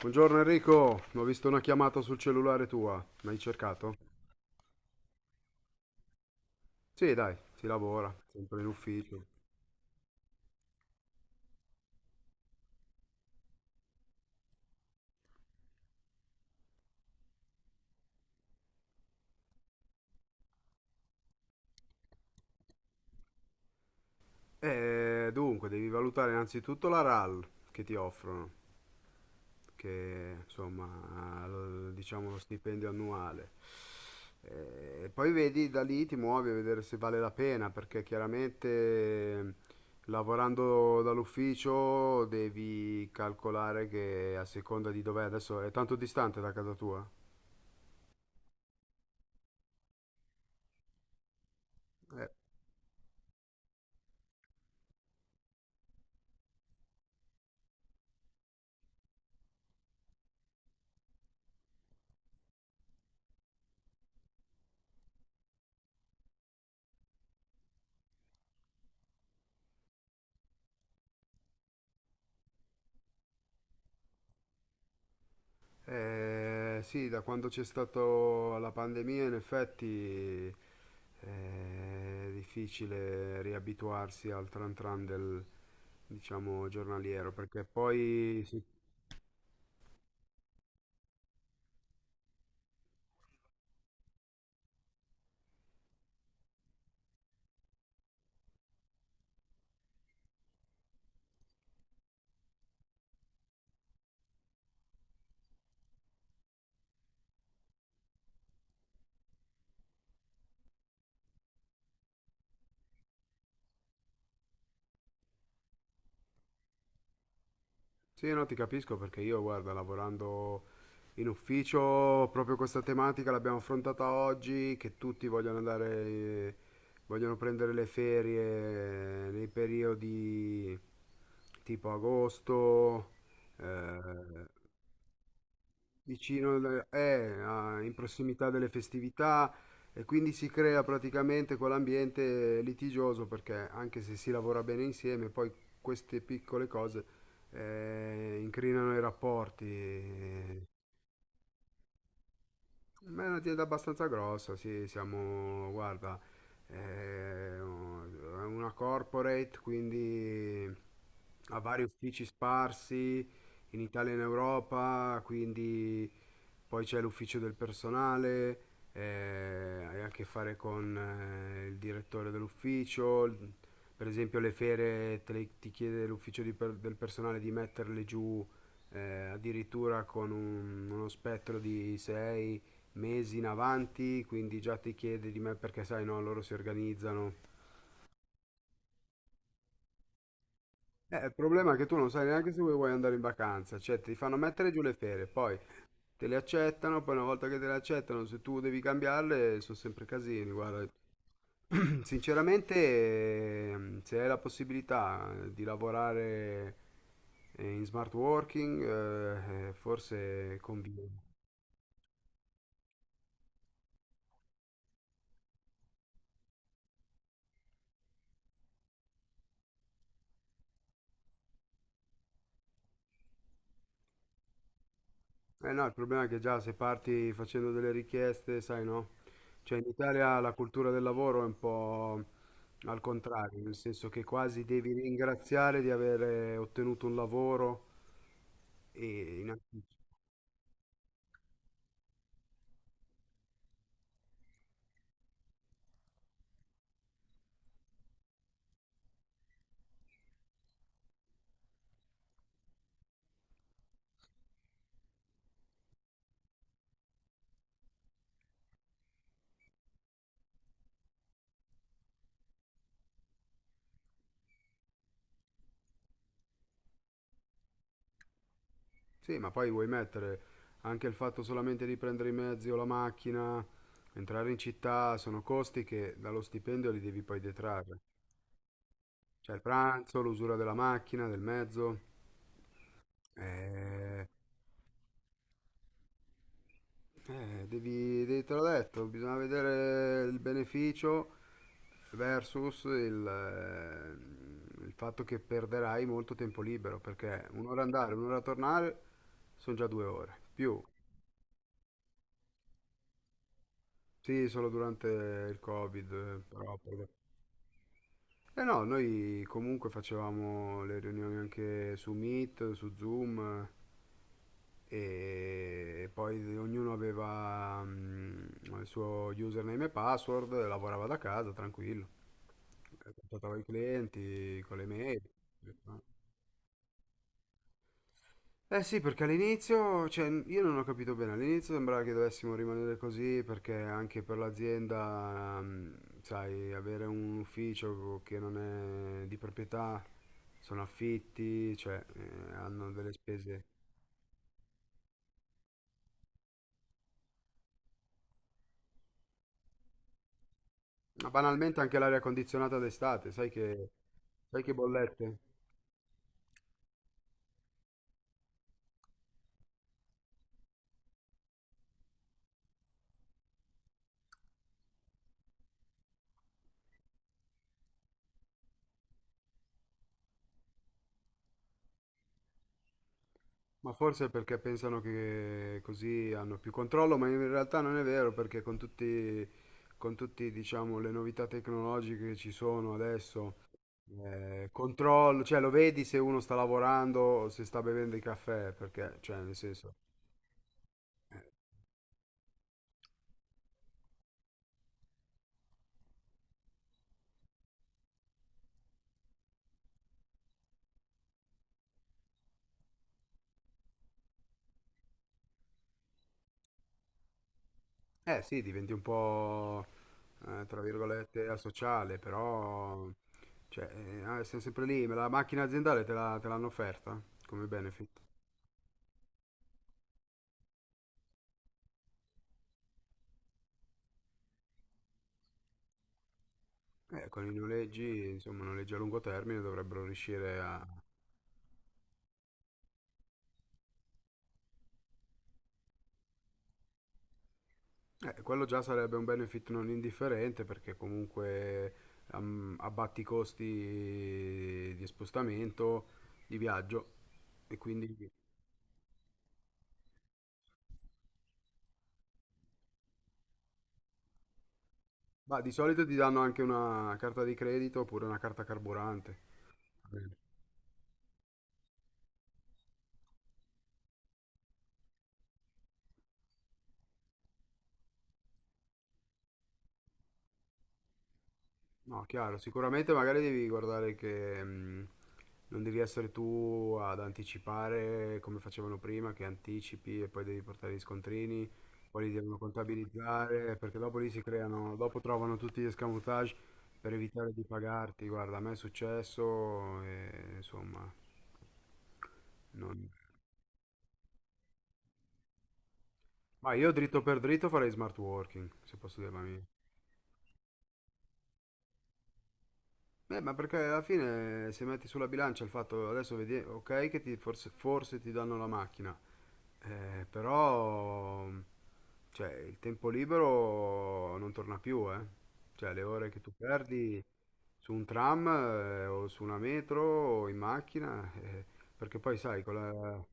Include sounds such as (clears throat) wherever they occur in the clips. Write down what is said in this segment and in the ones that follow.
Buongiorno Enrico, ho visto una chiamata sul cellulare tua, l'hai cercato? Sì, dai, si lavora, sempre in ufficio. E dunque, devi valutare innanzitutto la RAL che ti offrono, che insomma, diciamo lo stipendio annuale. E poi vedi da lì ti muovi a vedere se vale la pena, perché chiaramente lavorando dall'ufficio devi calcolare che a seconda di dov'è adesso è tanto distante da casa tua? Sì, da quando c'è stata la pandemia, in effetti è difficile riabituarsi al tran tran del, diciamo, giornaliero, perché poi sì, sì, no, ti capisco perché io, guarda, lavorando in ufficio, proprio questa tematica l'abbiamo affrontata oggi, che tutti vogliono andare, vogliono prendere le ferie nei periodi tipo agosto. Eh, vicino, in prossimità delle festività e quindi si crea praticamente quell'ambiente litigioso perché anche se si lavora bene insieme, poi queste piccole cose incrinano i rapporti. Ma è un'azienda abbastanza grossa, sì, siamo, guarda, è una corporate, quindi ha vari uffici sparsi in Italia e in Europa, quindi poi c'è l'ufficio del personale, eh, hai a che fare con il direttore dell'ufficio, per esempio le fere ti chiede l'ufficio del personale di metterle giù addirittura con uno spettro di 6 mesi in avanti, quindi già ti chiede di me perché sai, no, loro si organizzano. Il problema è che tu non sai neanche se vuoi andare in vacanza, cioè ti fanno mettere giù le fere, poi te le accettano, poi una volta che te le accettano, se tu devi cambiarle, sono sempre casini, guarda. (clears throat) Sinceramente, se hai la possibilità di lavorare in smart working, forse conviene. Eh no, il problema è che già se parti facendo delle richieste, sai no? Cioè in Italia la cultura del lavoro è un po' al contrario, nel senso che quasi devi ringraziare di aver ottenuto un lavoro e in anticipo. Sì, ma poi vuoi mettere anche il fatto solamente di prendere i mezzi o la macchina, entrare in città, sono costi che dallo stipendio li devi poi detrarre. Cioè il pranzo, l'usura della macchina, del mezzo. Eh, te l'ho detto, bisogna vedere il beneficio versus il fatto che perderai molto tempo libero, perché un'ora andare, un'ora tornare sono già due ore, più sì, solo durante il Covid, eh no, noi comunque facevamo le riunioni anche su Meet, su Zoom e poi ognuno aveva il suo username e password, lavorava da casa, tranquillo. Contattava i clienti con le mail. eh, Eh sì, perché all'inizio, cioè, io non ho capito bene, all'inizio sembrava che dovessimo rimanere così perché anche per l'azienda, sai, avere un ufficio che non è di proprietà, sono affitti, cioè, hanno delle spese. Ma banalmente anche l'aria condizionata d'estate, sai che bollette? Ma forse è perché pensano che così hanno più controllo, ma in realtà non è vero perché con tutti, diciamo, le novità tecnologiche che ci sono adesso, controllo, cioè lo vedi se uno sta lavorando o se sta bevendo il caffè, perché, cioè, nel senso, eh sì, diventi un po', tra virgolette, asociale, però, sei sempre lì, ma la macchina aziendale te l'hanno offerta come benefit. Con i noleggi, insomma, noleggi a lungo termine dovrebbero riuscire a eh, quello già sarebbe un benefit non indifferente perché comunque abbatti i costi di spostamento, di viaggio e quindi ma di solito ti danno anche una carta di credito oppure una carta carburante. No, chiaro, sicuramente magari devi guardare che non devi essere tu ad anticipare come facevano prima, che anticipi e poi devi portare gli scontrini, poi li devono contabilizzare, perché dopo lì si creano, dopo trovano tutti gli escamotage per evitare di pagarti. Guarda, a me è successo e insomma, non ma io dritto per dritto farei smart working, se posso dire la mia. Ma perché alla fine se metti sulla bilancia il fatto, adesso vedi, ok, che ti, forse, forse ti danno la macchina, eh, però, cioè, il tempo libero non torna più, eh. Cioè, le ore che tu perdi su un tram, o su una metro o in macchina, perché poi sai, con la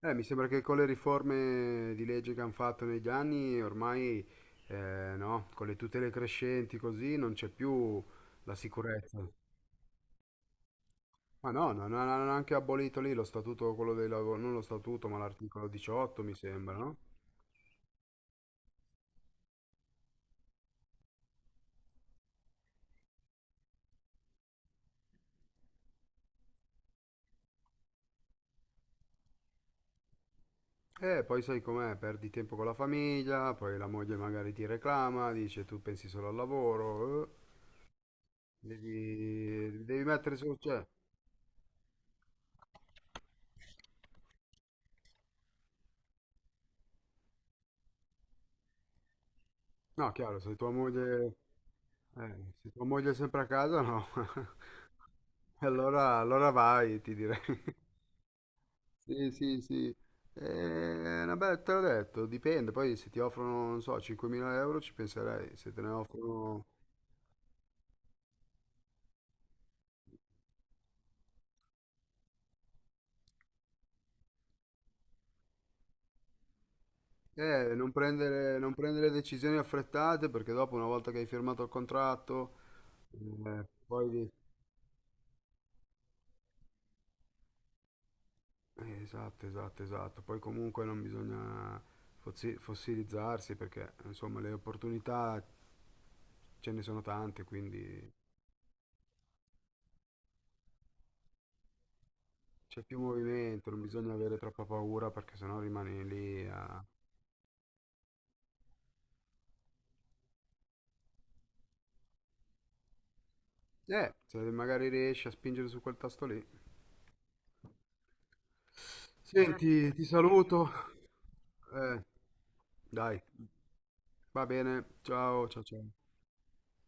mi sembra che con le riforme di legge che hanno fatto negli anni, ormai, no, con le tutele crescenti così, non c'è più la sicurezza. Ma no, non hanno anche abolito lì lo statuto, quello dei non lo statuto, ma l'articolo 18, mi sembra, no? Poi sai com'è, perdi tempo con la famiglia, poi la moglie magari ti reclama, dice tu pensi solo al lavoro, devi, devi mettere su, cioè, no, chiaro, se tua moglie, eh, se tua moglie è sempre a casa, no, (laughs) allora, allora vai, ti direi. (laughs) Sì, sì, sì. Vabbè, te l'ho detto, dipende, poi se ti offrono, non so, 5.000 euro ci penserei, se te ne offrono eh, non prendere, non prendere decisioni affrettate perché dopo una volta che hai firmato il contratto, eh, poi... di- esatto, esatto, esatto. Poi comunque non bisogna fossilizzarsi perché insomma le opportunità ce ne sono tante, quindi c'è più movimento, non bisogna avere troppa paura perché sennò rimani lì a eh, se magari riesci a spingere su quel tasto lì. Senti, ti saluto. Eh, dai, va bene, ciao, ciao, ciao.